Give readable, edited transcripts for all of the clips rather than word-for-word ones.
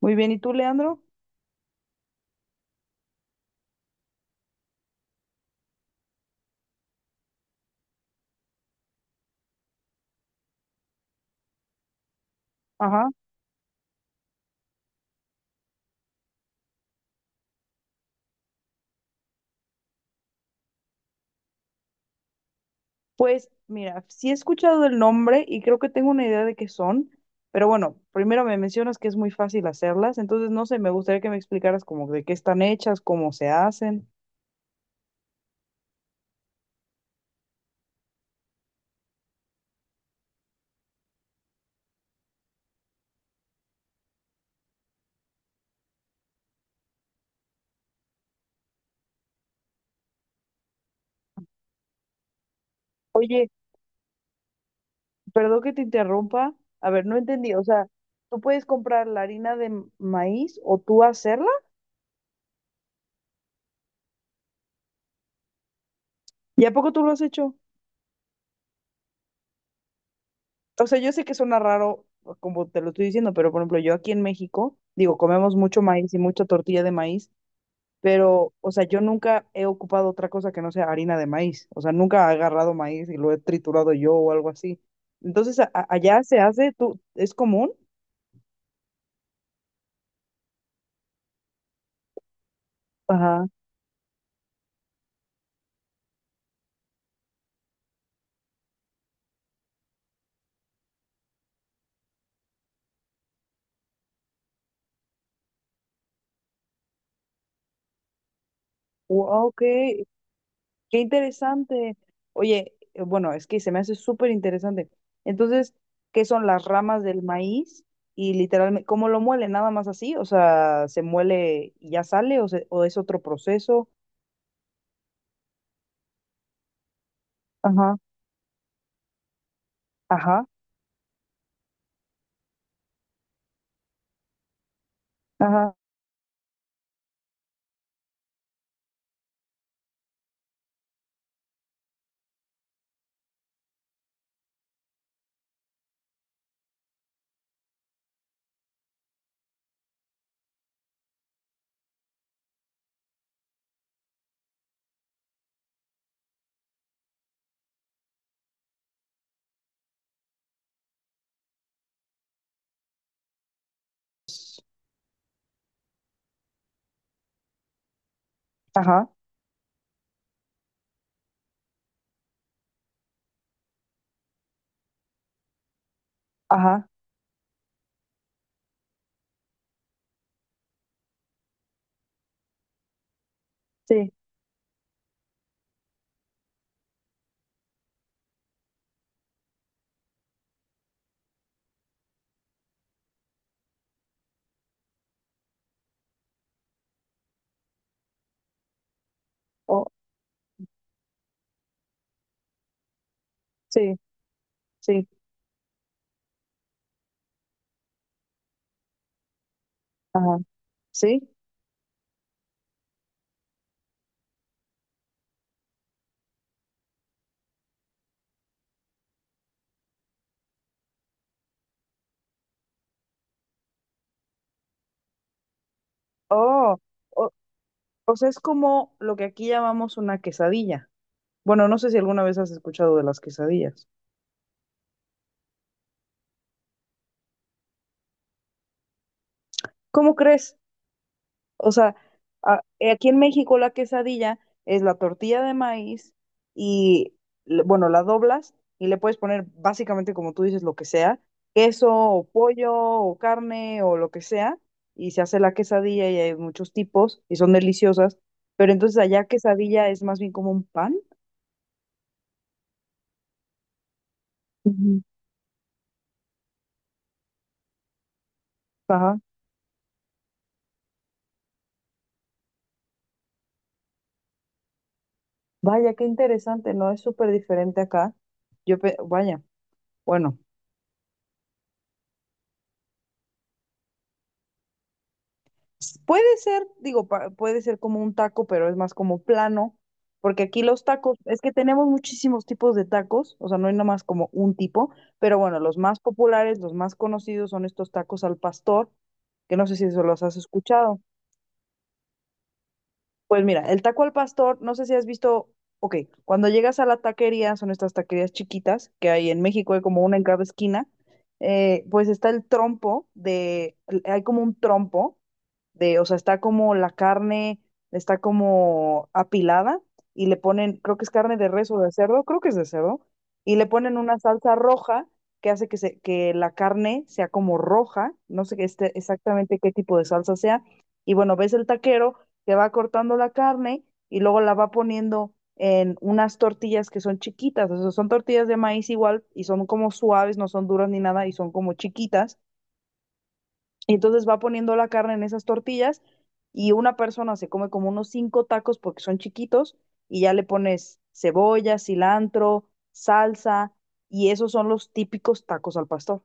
Muy bien, ¿y tú, Leandro? Ajá. Pues mira, sí he escuchado el nombre y creo que tengo una idea de qué son, pero bueno, primero me mencionas que es muy fácil hacerlas, entonces no sé, me gustaría que me explicaras como de qué están hechas, cómo se hacen. Oye, perdón que te interrumpa. A ver, no entendí. O sea, ¿tú puedes comprar la harina de maíz o tú hacerla? ¿Y a poco tú lo has hecho? O sea, yo sé que suena raro como te lo estoy diciendo, pero por ejemplo, yo aquí en México, digo, comemos mucho maíz y mucha tortilla de maíz, pero, o sea, yo nunca he ocupado otra cosa que no sea harina de maíz, o sea, nunca he agarrado maíz y lo he triturado yo o algo así. Entonces, allá se hace, tú, ¿es común? Ajá. Wow, qué interesante. Oye, bueno, es que se me hace súper interesante. Entonces, ¿qué son las ramas del maíz? Y literalmente, ¿cómo lo muele? ¿Nada más así? O sea, ¿se muele y ya sale o, o es otro proceso? Ajá, ajá, ajá, ajá, ajá, sí, o sí. Sí. Ajá. ¿Sí? Oh, o, o sea, es como lo que aquí llamamos una quesadilla. Bueno, no sé si alguna vez has escuchado de las quesadillas. ¿Cómo crees? O sea, aquí en México la quesadilla es la tortilla de maíz y, bueno, la doblas y le puedes poner básicamente, como tú dices, lo que sea, queso o pollo o carne o lo que sea, y se hace la quesadilla y hay muchos tipos y son deliciosas, pero entonces allá quesadilla es más bien como un pan. Ujú. Ajá. Vaya, qué interesante, ¿no? Es súper diferente acá. Vaya, bueno, puede ser, digo, puede ser como un taco, pero es más como plano, porque aquí los tacos, es que tenemos muchísimos tipos de tacos, o sea, no hay nomás como un tipo, pero bueno, los más populares, los más conocidos son estos tacos al pastor, que no sé si eso los has escuchado. Pues mira, el taco al pastor, no sé si has visto, ok, cuando llegas a la taquería, son estas taquerías chiquitas que hay en México, hay como una en cada esquina, pues está el trompo de, hay como un trompo de, o sea, está como la carne, está como apilada y le ponen, creo que es carne de res o de cerdo, creo que es de cerdo, y le ponen una salsa roja que hace que, se, que la carne sea como roja, no sé qué exactamente qué tipo de salsa sea, y bueno, ves el taquero que va cortando la carne y luego la va poniendo en unas tortillas que son chiquitas, o sea, son tortillas de maíz igual y son como suaves, no son duras ni nada y son como chiquitas. Y entonces va poniendo la carne en esas tortillas y una persona se come como unos cinco tacos porque son chiquitos y ya le pones cebolla, cilantro, salsa y esos son los típicos tacos al pastor.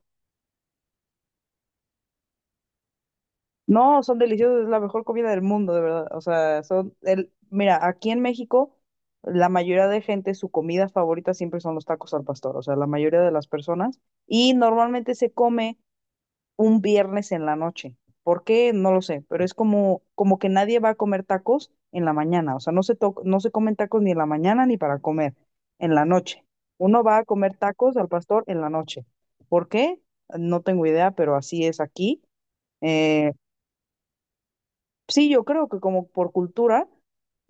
No, son deliciosos, es la mejor comida del mundo, de verdad. O sea, son el, mira, aquí en México, la mayoría de gente, su comida favorita siempre son los tacos al pastor, o sea, la mayoría de las personas, y normalmente se come un viernes en la noche. ¿Por qué? No lo sé, pero es como, como que nadie va a comer tacos en la mañana, o sea, no se comen tacos ni en la mañana ni para comer, en la noche. Uno va a comer tacos al pastor en la noche. ¿Por qué? No tengo idea, pero así es aquí. eh, Sí, yo creo que como por cultura.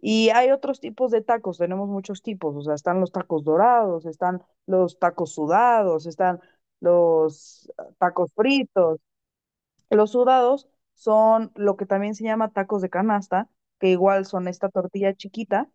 Y hay otros tipos de tacos, tenemos muchos tipos, o sea, están los tacos dorados, están los tacos sudados, están los tacos fritos. Los sudados son lo que también se llama tacos de canasta, que igual son esta tortilla chiquita,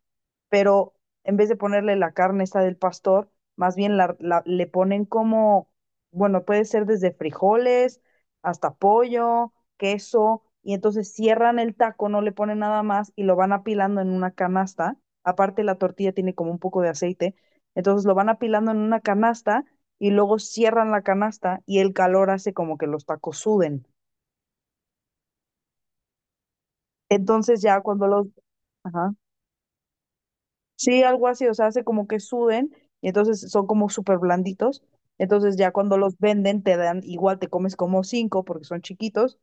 pero en vez de ponerle la carne esta del pastor, más bien la, le ponen como, bueno, puede ser desde frijoles hasta pollo, queso, y entonces cierran el taco, no le ponen nada más y lo van apilando en una canasta. Aparte la tortilla tiene como un poco de aceite, entonces lo van apilando en una canasta y luego cierran la canasta y el calor hace como que los tacos suden. Entonces ya cuando los... Ajá. Sí, algo así, o sea, hace como que suden y entonces son como súper blanditos. Entonces ya cuando los venden te dan, igual te comes como cinco porque son chiquitos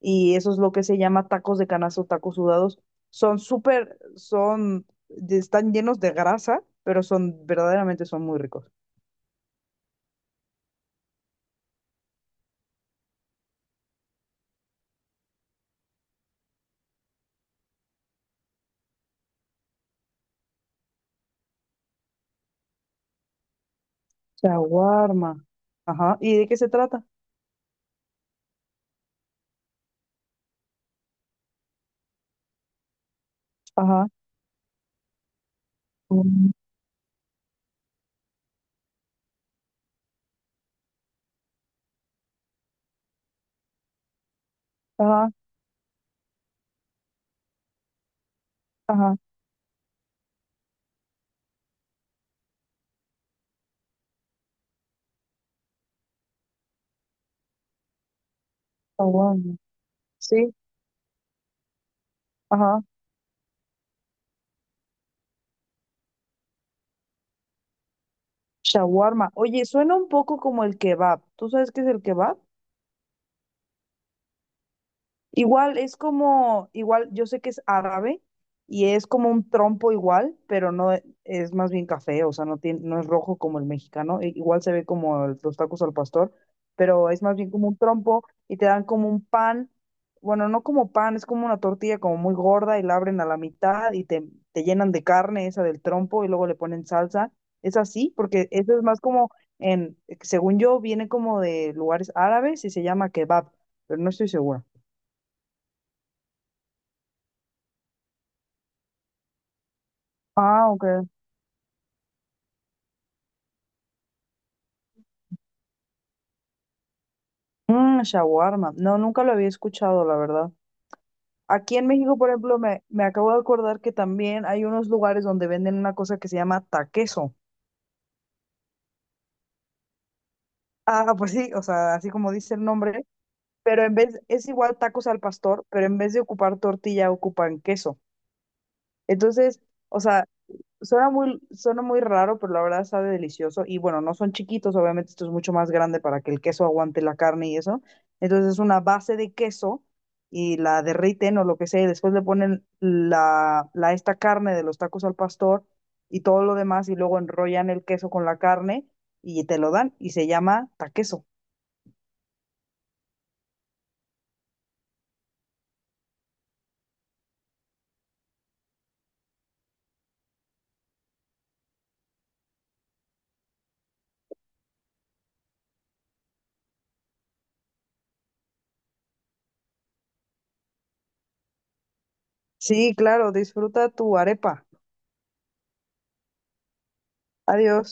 y eso es lo que se llama tacos de canazo, tacos sudados. Son súper, son, de- están llenos de grasa, pero son, verdaderamente son muy ricos. Shawarma. Ajá. ¿Y de qué se trata? Ajá. Mm, ajá, ajá, shawarma. Sí, ajá. Shawarma. Oye, suena un poco como el kebab. ¿Tú sabes qué es el kebab? Igual es como, igual yo sé que es árabe y es como un trompo igual, pero no es más bien café, o sea, no tiene, no es rojo como el mexicano, igual se ve como los tacos al pastor, pero es más bien como un trompo y te dan como un pan, bueno, no como pan, es como una tortilla como muy gorda y la abren a la mitad y te llenan de carne esa del trompo y luego le ponen salsa. Es así, porque eso es más como en, según yo, viene como de lugares árabes y se llama kebab, pero no estoy segura. Ah, ok. Mm, shawarma. No, nunca lo había escuchado, la verdad. Aquí en México, por ejemplo, me acabo de acordar que también hay unos lugares donde venden una cosa que se llama taqueso. Ah, pues sí, o sea, así como dice el nombre, pero en vez, es igual tacos al pastor, pero en vez de ocupar tortilla, ocupan queso. Entonces, o sea, suena muy, suena muy raro, pero la verdad sabe delicioso. Y bueno, no son chiquitos, obviamente esto es mucho más grande para que el queso aguante la carne y eso. Entonces es una base de queso y la derriten o lo que sea, y después le ponen la, la esta carne de los tacos al pastor y todo lo demás, y luego enrollan el queso con la carne y te lo dan y se llama taqueso. Sí, claro, disfruta tu arepa. Adiós.